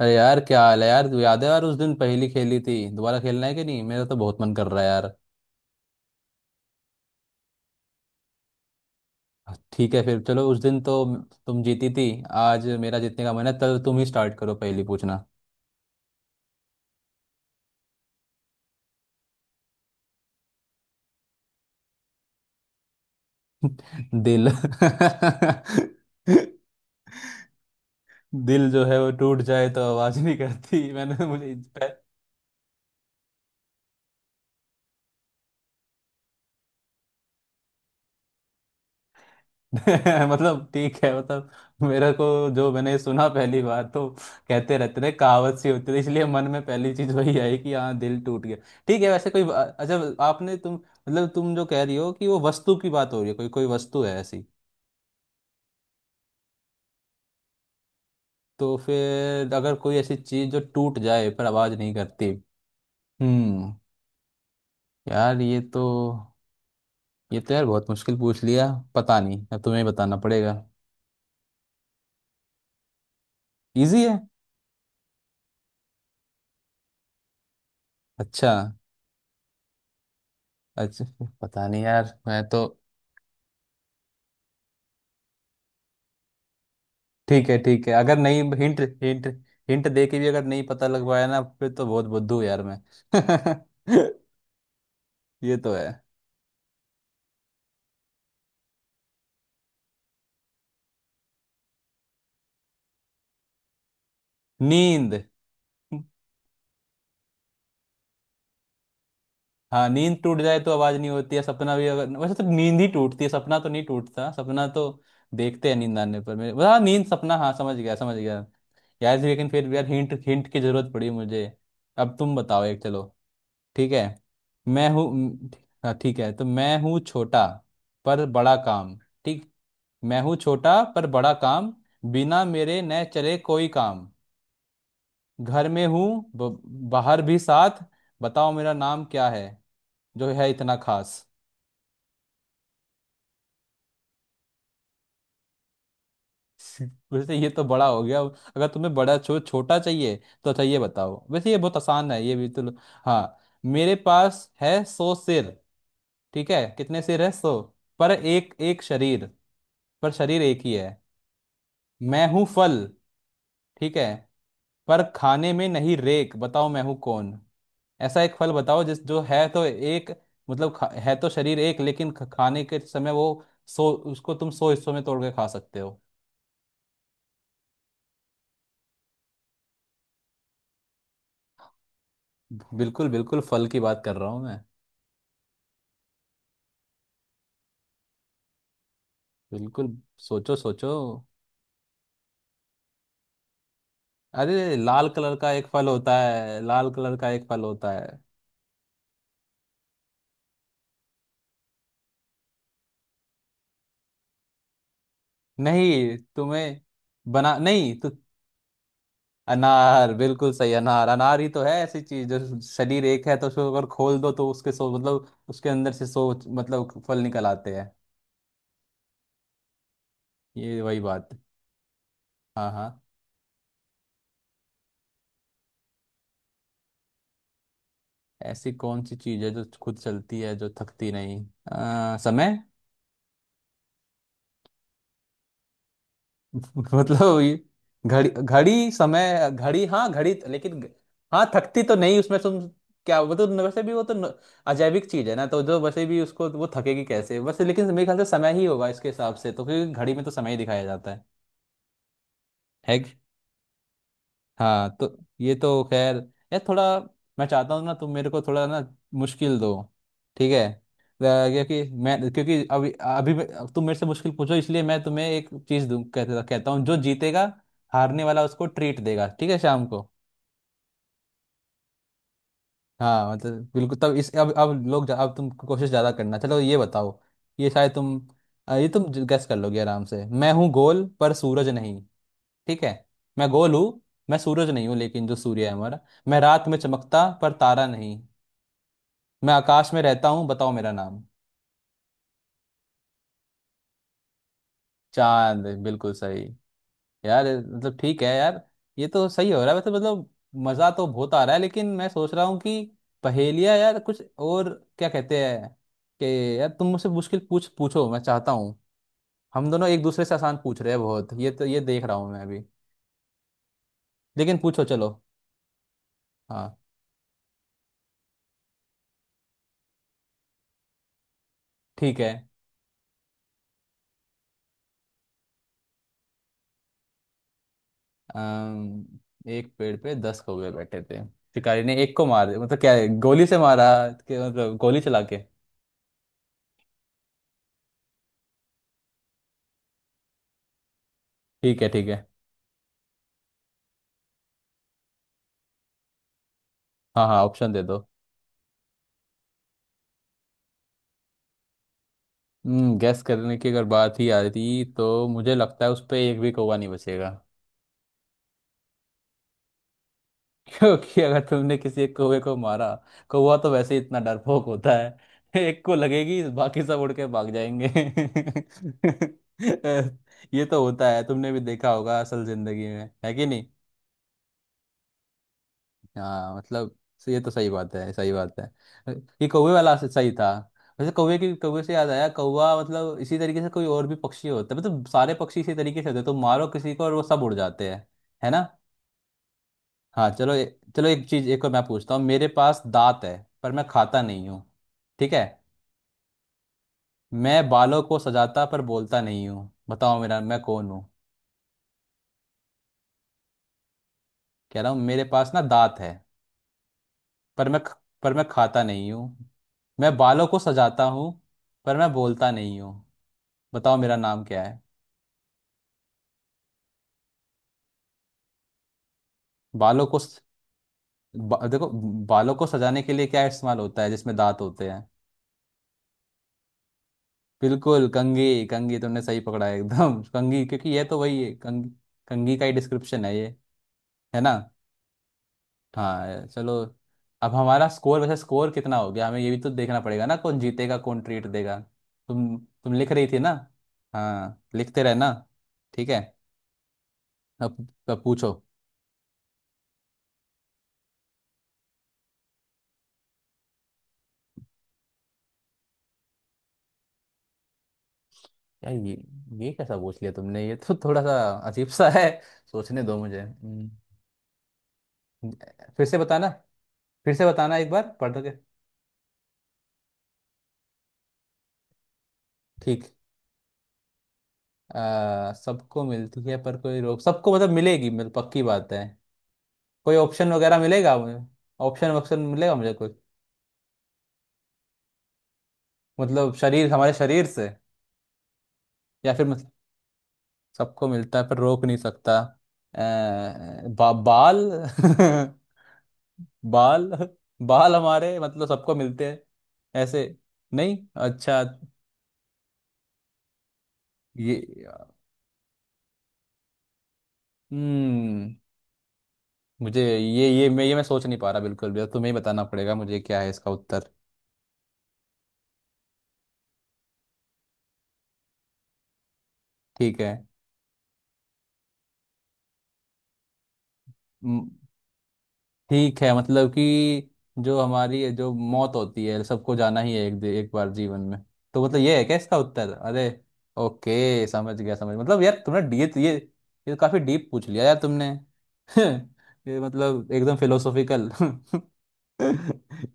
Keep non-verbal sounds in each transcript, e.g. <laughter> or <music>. अरे यार क्या हाल है यार। तू याद है यार, उस दिन पहली खेली थी। दोबारा खेलना है कि नहीं? मेरा तो बहुत मन कर रहा है यार। ठीक है फिर चलो। उस दिन तो तुम जीती थी। आज मेरा जीतने का मन है तो तुम ही स्टार्ट करो, पहली पूछना। दिल। <laughs> दिल जो है वो टूट जाए तो आवाज नहीं करती। <laughs> मैंने तो मुझे। <laughs> मतलब ठीक है, मतलब मेरे को जो मैंने सुना पहली बार तो कहते रहते थे, कहावत सी होती थी, इसलिए मन में पहली चीज <laughs> वही आई कि हाँ दिल टूट गया। ठीक है। वैसे कोई अच्छा, आपने तुम मतलब तुम जो कह रही हो कि वो वस्तु की बात हो रही है, कोई कोई वस्तु है ऐसी? तो फिर अगर कोई ऐसी चीज जो टूट जाए पर आवाज नहीं करती। हम्म। यार ये तो, ये तो यार बहुत मुश्किल पूछ लिया। पता नहीं अब तुम्हें ही बताना पड़ेगा। इजी है? अच्छा। अच्छा। पता नहीं यार मैं तो। ठीक है ठीक है, अगर नहीं हिंट हिंट। हिंट दे के भी अगर नहीं पता लग पाया ना, फिर तो बहुत बुद्धू यार मैं। <laughs> ये तो है। नींद। हाँ नींद टूट जाए तो आवाज नहीं होती है, सपना भी। अगर वैसे तो नींद ही टूटती है, सपना तो नहीं टूटता। सपना तो देखते हैं नींद आने पर मेरे। हाँ नींद सपना, हाँ समझ गया समझ गया। यार लेकिन फिर भी यार हिंट हिंट की जरूरत पड़ी मुझे। अब तुम बताओ एक। चलो ठीक है। मैं हूँ हाँ, ठीक है। तो मैं हूँ छोटा पर बड़ा काम। ठीक। मैं हूँ छोटा पर बड़ा काम, बिना मेरे न चले कोई काम, घर में हूँ ब- बाहर भी साथ। बताओ मेरा नाम क्या है, जो है इतना खास। वैसे ये तो बड़ा हो गया, अगर तुम्हें बड़ा छोटा चाहिए तो। अच्छा ये बताओ, वैसे ये बहुत आसान है ये भी तो। हाँ। मेरे पास है 100 सिर, ठीक है? कितने सिर है? 100। पर एक एक शरीर, पर शरीर एक ही है। मैं हूं फल, ठीक है, पर खाने में नहीं रेक। बताओ मैं हूं कौन। ऐसा एक फल बताओ जिस जो है तो एक, मतलब है तो शरीर एक लेकिन खाने के समय वो, सो उसको तुम 100 हिस्सों में तोड़ के खा सकते हो। बिल्कुल बिल्कुल फल की बात कर रहा हूँ। बिल्कुल। सोचो सोचो। अरे लाल कलर का एक फल होता है, लाल कलर का एक फल होता है। नहीं तुम्हें, बना नहीं तो। अनार बिल्कुल सही। अनार अनार ही तो है, ऐसी चीज जो शरीर एक है, तो उसको अगर खोल दो तो उसके सो, मतलब उसके अंदर से सो, मतलब फल निकल आते हैं। ये वही बात है। हाँ हाँ। ऐसी कौन सी चीज है जो खुद चलती है, जो थकती नहीं? समय। <laughs> मतलब ये घड़ी। घड़ी समय घड़ी, हाँ घड़ी तो, लेकिन हाँ थकती तो नहीं, उसमें तुम क्या, वो तो वैसे भी वो तो अजैविक चीज है ना, तो जो वैसे भी उसको वो थकेगी कैसे? वैसे लेकिन मेरे ख्याल से समय ही होगा इसके हिसाब से, तो क्योंकि घड़ी में तो समय ही दिखाया जाता है। हाँ तो ये तो खैर यार थोड़ा। मैं चाहता हूँ ना, तुम मेरे को थोड़ा ना मुश्किल दो, ठीक है, क्योंकि मैं, क्योंकि अभी अभी तुम मेरे से मुश्किल पूछो, इसलिए मैं तुम्हें एक चीज दूं, कहता कहता हूँ, जो जीतेगा, हारने वाला उसको ट्रीट देगा, ठीक है, शाम को। हाँ मतलब बिल्कुल। तब इस अब लोग अब तुम कोशिश ज़्यादा करना। चलो ये बताओ, ये शायद तुम, ये तुम गैस कर लोगे आराम से। मैं हूँ गोल पर सूरज नहीं, ठीक है। मैं गोल हूँ, मैं सूरज नहीं हूँ लेकिन जो सूर्य है हमारा, मैं रात में चमकता पर तारा नहीं, मैं आकाश में रहता हूँ, बताओ मेरा नाम। चांद बिल्कुल सही। यार मतलब ठीक है यार, ये तो सही हो रहा है वैसे। मतलब मज़ा तो बहुत आ रहा है, लेकिन मैं सोच रहा हूँ कि पहेलियाँ यार कुछ और, क्या कहते हैं, कि यार तुम मुझसे मुश्किल पूछ पूछो। मैं चाहता हूँ, हम दोनों एक दूसरे से आसान पूछ रहे हैं बहुत, ये तो ये देख रहा हूँ मैं अभी। लेकिन पूछो चलो। हाँ। ठीक है। अम, एक पेड़ पे 10 कौवे बैठे थे। शिकारी ने एक को मार, मतलब क्या है, गोली से मारा? कि मतलब गोली चला के? ठीक है ठीक है। हाँ हाँ ऑप्शन दे दो। गैस करने की अगर बात ही आती तो मुझे लगता है उस पे एक भी कौवा नहीं बचेगा। <laughs> क्योंकि अगर तुमने किसी एक कौवे को मारा, कौवा तो वैसे ही इतना डरपोक होता है <laughs> एक को लगेगी, बाकी सब उड़ के भाग जाएंगे। <laughs> ये तो होता है, तुमने भी देखा होगा असल जिंदगी में, है कि हाँ, मतलब ये तो सही बात है, सही बात है। ये कौवे वाला सही था। वैसे कौवे की, कौवे से याद आया, कौवा मतलब इसी तरीके से कोई और भी पक्षी होता है, मतलब सारे पक्षी इसी तरीके से होते हैं, तो मारो किसी को और वो सब उड़ जाते हैं, है ना। हाँ चलो चलो एक चीज एक और मैं पूछता हूँ। मेरे पास दांत है पर मैं खाता नहीं हूँ, ठीक है। मैं बालों को सजाता पर बोलता नहीं हूँ, बताओ मेरा, मैं कौन हूँ। कह रहा हूँ मेरे पास ना दांत है, पर मैं पर मैं खाता नहीं हूँ। मैं बालों को सजाता हूँ पर मैं बोलता नहीं हूँ, बताओ मेरा नाम क्या है। बालों को देखो, बालों को सजाने के लिए क्या इस्तेमाल होता है जिसमें दांत होते हैं? बिल्कुल कंघी। कंघी तुमने सही पकड़ा है एकदम। <laughs> कंघी, क्योंकि ये तो वही है। कंघी कंघी का ही डिस्क्रिप्शन है ये, है ना। हाँ चलो। अब हमारा स्कोर, वैसे स्कोर कितना हो गया, हमें ये भी तो देखना पड़ेगा ना, कौन जीतेगा कौन ट्रीट देगा। तुम तुम लिख रही थी ना? हाँ लिखते रहना, ठीक है। अब, पूछो। यार ये कैसा पूछ लिया तुमने, ये तो थोड़ा सा अजीब सा है, सोचने दो मुझे। फिर से बताना, फिर से बताना एक बार पढ़ के। ठीक। सबको मिलती है पर कोई रोक, सबको मतलब मिलेगी, मतलब पक्की बात है, कोई ऑप्शन वगैरह मिलेगा मुझे? ऑप्शन वक्शन मिलेगा मुझे कोई? मतलब शरीर, हमारे शरीर से, या फिर मतलब सबको मिलता है पर रोक नहीं सकता। अ, बाल। <laughs> बाल, बाल हमारे मतलब सबको मिलते हैं ऐसे? नहीं। अच्छा। ये, हम्म मुझे ये मैं सोच नहीं पा रहा बिल्कुल भी, तो तुम्हें ही बताना पड़ेगा मुझे क्या है इसका उत्तर। ठीक है। ठीक है, मतलब कि जो हमारी, जो मौत होती है, सबको जाना ही है, एक एक बार जीवन में, तो मतलब ये है क्या इसका उत्तर? अरे। ओके समझ गया समझ, मतलब यार तुमने डी ये काफी डीप पूछ लिया यार तुमने। <laughs> ये मतलब एकदम फिलोसॉफिकल। <laughs> नहीं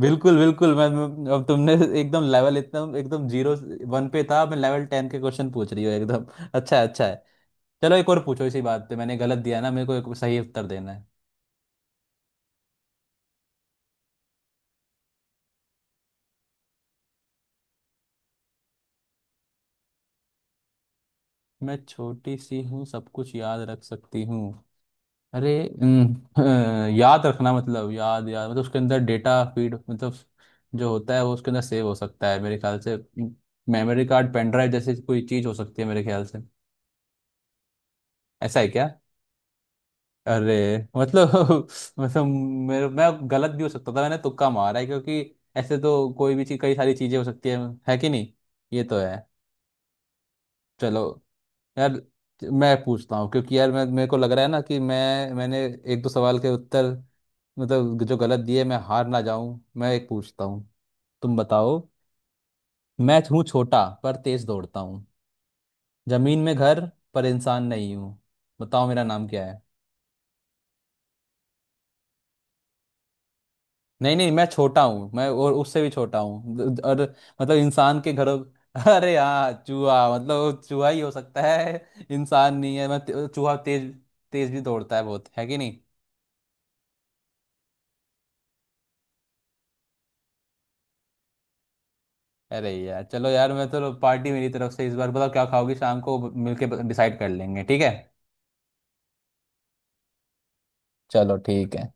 बिल्कुल बिल्कुल मैं अब तुमने एकदम लेवल, एकदम एकदम जीरो वन पे था मैं, लेवल 10 के क्वेश्चन पूछ रही हूँ एकदम। <laughs> अच्छा है, अच्छा है। चलो एक और पूछो, इसी बात पे मैंने गलत दिया ना, मेरे को एक सही उत्तर देना है। मैं छोटी सी हूँ, सब कुछ याद रख सकती हूँ। अरे। अम, अ, याद रखना मतलब याद, याद मतलब उसके अंदर डेटा फीड, मतलब जो होता है वो उसके अंदर सेव हो सकता है मेरे ख्याल से। मेमोरी कार्ड, पेन ड्राइव जैसी कोई चीज हो सकती है मेरे ख्याल से, ऐसा है क्या? अरे मतलब। <laughs> मतलब मेरे, मैं गलत भी हो सकता था, मैंने तुक्का मारा है, क्योंकि ऐसे तो कोई भी चीज, कई सारी चीजें हो सकती है कि नहीं, ये तो है। चलो यार मैं पूछता हूँ, क्योंकि यार मैं, मेरे को लग रहा है ना कि मैं, मैंने एक दो सवाल के उत्तर मतलब जो गलत दिए, मैं हार ना जाऊं, मैं एक पूछता हूँ। तुम बताओ। मैं हूँ छोटा पर तेज दौड़ता हूँ, जमीन में घर पर इंसान नहीं हूँ, बताओ मेरा नाम क्या है। नहीं नहीं, मैं छोटा हूँ, मैं और उससे भी छोटा हूँ, और मतलब इंसान के घरों। <laughs> अरे हाँ चूहा, मतलब वो चूहा ही हो सकता है, इंसान नहीं है मैं, चूहा तेज, तेज भी दौड़ता है बहुत, है कि नहीं। अरे यार चलो यार, मैं तो पार्टी मेरी तरफ से इस बार, बताओ क्या खाओगी शाम को, मिलके डिसाइड कर लेंगे, ठीक है। चलो ठीक है।